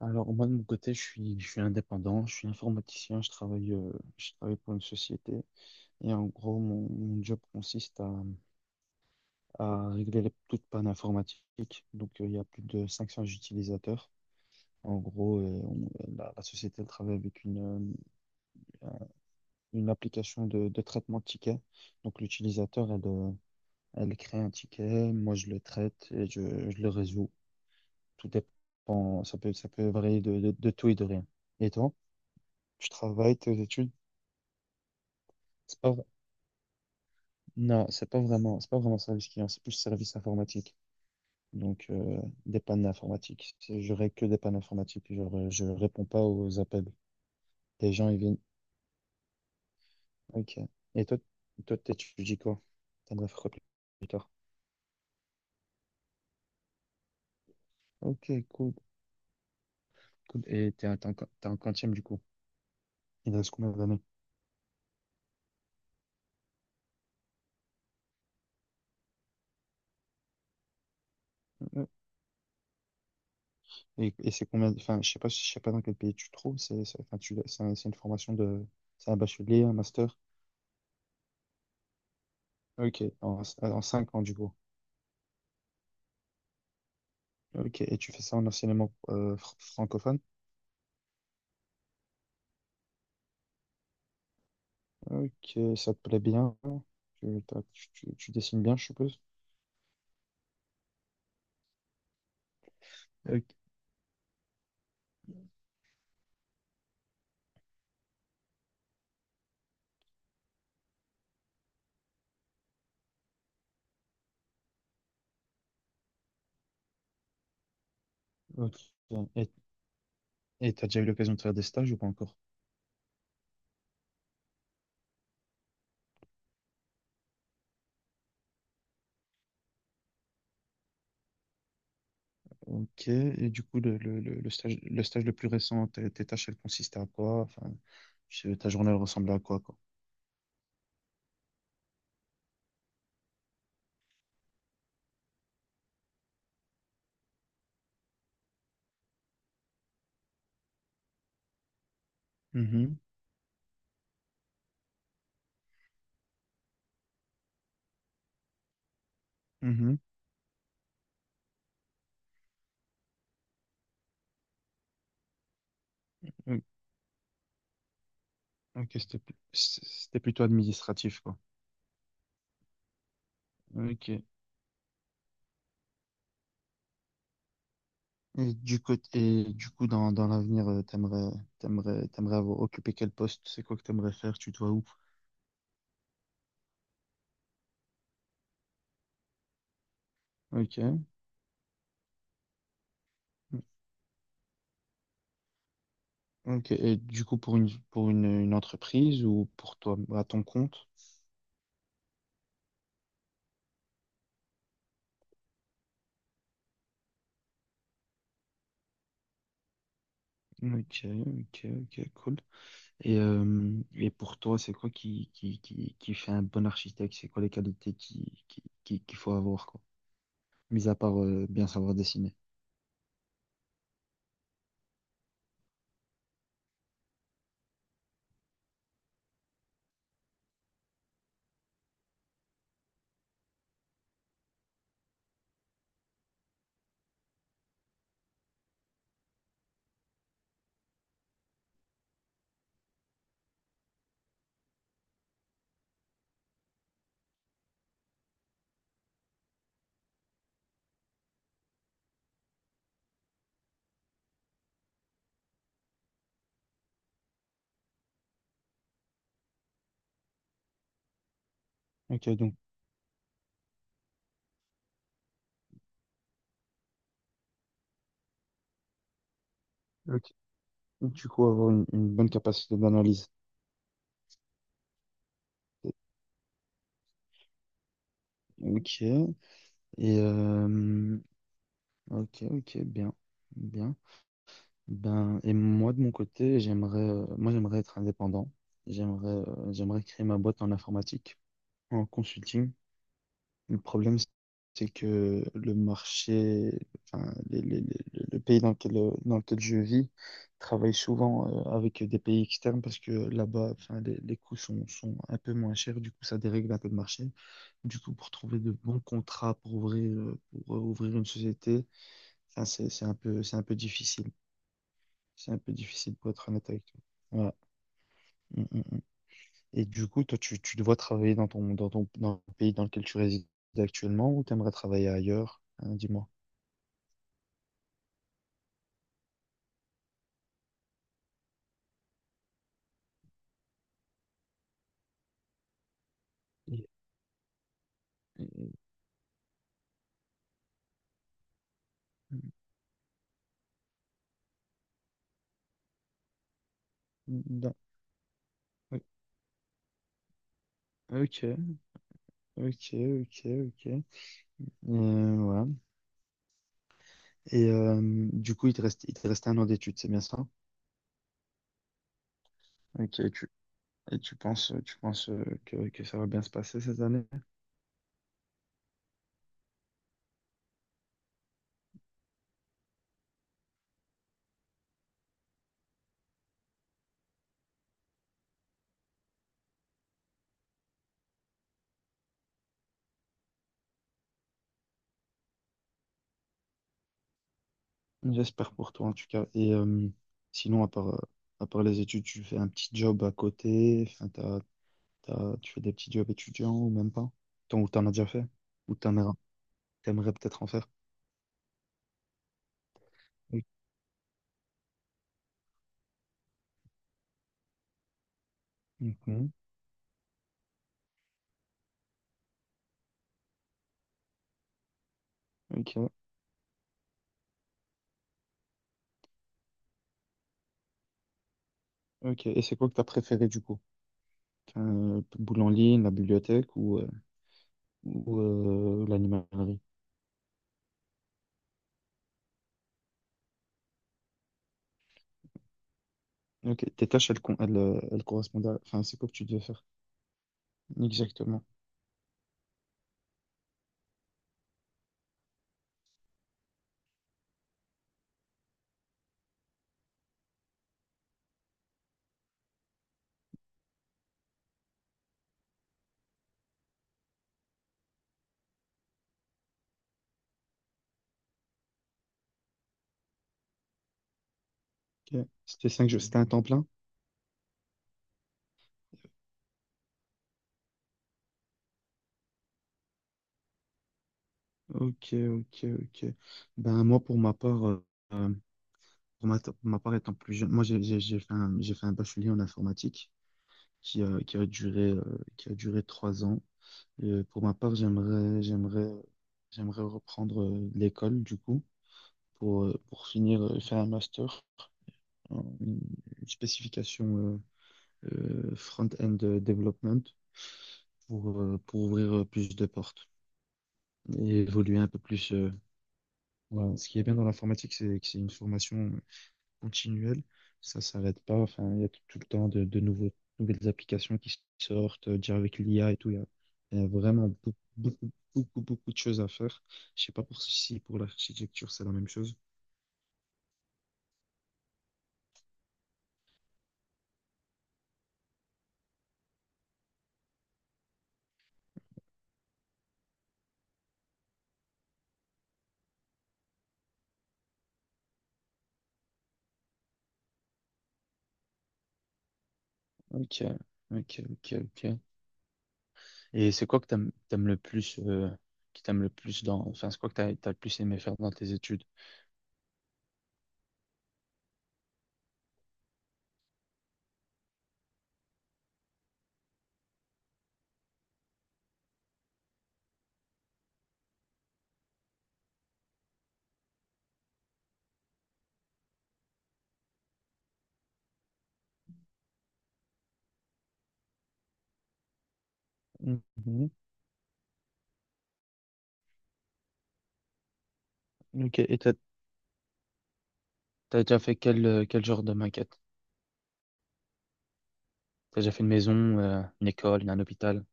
Alors moi de mon côté, je suis indépendant, je suis informaticien, je travaille pour une société et en gros mon job consiste à régler toute panne informatique. Donc il y a plus de 500 utilisateurs. En gros, la société elle travaille avec euh, une application de traitement de tickets. Donc l'utilisateur, elle crée un ticket, moi je le traite et je le résous. Tout dépend, ça peut varier de tout et de rien. Et toi, tu travailles, tes études? C'est pas, v- Non, c'est pas vraiment service client, c'est plus service informatique. Donc, des pannes informatiques. Je règle que des pannes informatiques. Genre, je réponds pas aux appels. Les gens, ils viennent. Ok. Et toi, t'étudies quoi? T'as de la fréquence plus tard. Ok, cool, cool. Et t'es un, t'es en qu- t'es en quantième, du coup. Il reste combien d'années? Euh, Et, c'est combien, enfin, je sais pas dans quel pays tu te trouves. Enfin, c'est une formation de, c'est un bachelier, un master. Ok, en 5 ans, du coup. Ok, et tu fais ça en enseignement francophone? Ok, ça te plaît bien? Tu, t'as- tu- tu dessines bien, je suppose? Ok. Ok. Et, et t'as déjà eu l'occasion de faire des stages ou pas encore? Ok, et du coup, le stage le plus récent, tes tâches, elles consistaient à quoi? Enfin, ta journée, elle ressemblait à quoi, quoi? Mhm, mhm. Ok, c'était plutôt administratif, quoi. Ok. Et du côté, et du coup, dans l'avenir, t'aimerais avoir occupé quel poste? C'est quoi que t'aimerais faire? Tu te vois où? Ok. Ok. Et du coup, une entreprise ou pour toi, à ton compte? Ok, ok, ok, cool. Et pour toi, c'est quoi qui fait un bon architecte? C'est quoi les qualités qu'il faut avoir, quoi? Mis à part, bien savoir dessiner. Ok, donc, ok. Du coup, avoir une bonne capacité d'analyse. Ok. Euh, Ok, ok, bien, bien. Ben, et moi, de mon côté, moi, j'aimerais être indépendant. J'aimerais créer ma boîte en informatique, en consulting. Le problème, c'est que le marché, enfin, le pays dans lequel je vis travaille souvent, avec des pays externes parce que là-bas, enfin, les coûts sont un peu moins chers. Du coup, ça dérègle un peu le marché. Du coup, pour trouver de bons contrats pour ouvrir une société, enfin, c'est un peu, c'est un peu difficile. C'est un peu difficile pour être honnête avec toi. Ouais. Mm, mm, mm. Et du coup, toi, tu dois travailler dans le pays dans lequel tu résides actuellement ou t'aimerais travailler ailleurs? Hein, dis-moi. Et- et- dans- oui. Ok, ok, ok, ok. Ouais. Et du coup, il te reste un an d'études, c'est bien ça? Ok, et tu penses que ça va bien se passer cette année? J'espère pour toi en tout cas. Et sinon, à part les études, tu fais un petit job à côté. Enfin, tu fais des petits jobs étudiants ou même pas? Ou t'en as déjà fait? Ou t'aimerais peut-être en faire? Oui. Mhm. Ok, ok. Et c'est quoi que t'as préféré du coup? Boule en ligne, la bibliothèque ou l'animalerie? Ok, tes tâches, elles correspondent à... Enfin, c'est quoi que tu devais faire? Exactement. Ok. C'était 5 jours, c'était un temps plein? Ok, ok, ok. Ben, moi, euh, pour ma part étant plus jeune, moi, j'ai fait un bachelier en informatique. qui a, qui a duré, euh, qui a duré 3 ans. Et pour ma part, j'aimerais reprendre l'école, du coup, pour finir, faire un master, en une spécification euh, front-end development, pour ouvrir plus de portes et évoluer un peu plus. Voilà. Ce qui est bien dans l'informatique, c'est que c'est une formation continuelle. Ça s'arrête pas. Enfin, il y a tout le temps de nouvelles applications qui sortent, déjà avec l'IA et tout. Il y a vraiment beaucoup, beaucoup, beaucoup, beaucoup de choses à faire. Je sais pas pour si pour l'architecture, c'est la même chose. Ok, ok, ok, ok. Et c'est quoi que t'aimes le plus, qui t'aimes le plus dans, enfin, c'est quoi que t'as le plus aimé faire dans tes études? Mhm. Ok, et t'as déjà fait quel genre de maquette? T'as déjà fait une maison, une école, un hôpital?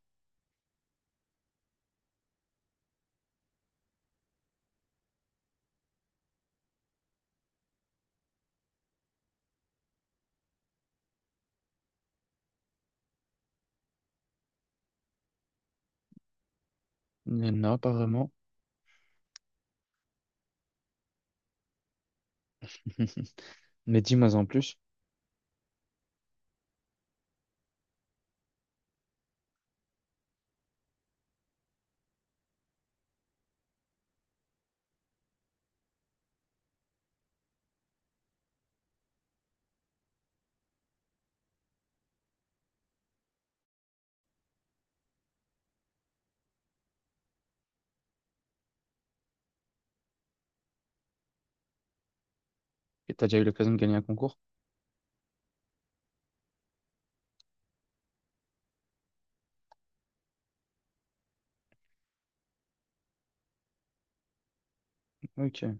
Non, pas vraiment. Mais dis-moi en plus, et t'as déjà eu l'occasion de gagner un concours? Ok,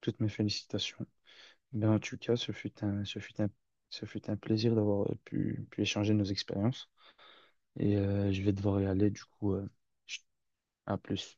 toutes mes félicitations. Ben, en tout cas, ce fut un plaisir d'avoir pu échanger nos expériences. Et je vais devoir y aller, du coup, à plus.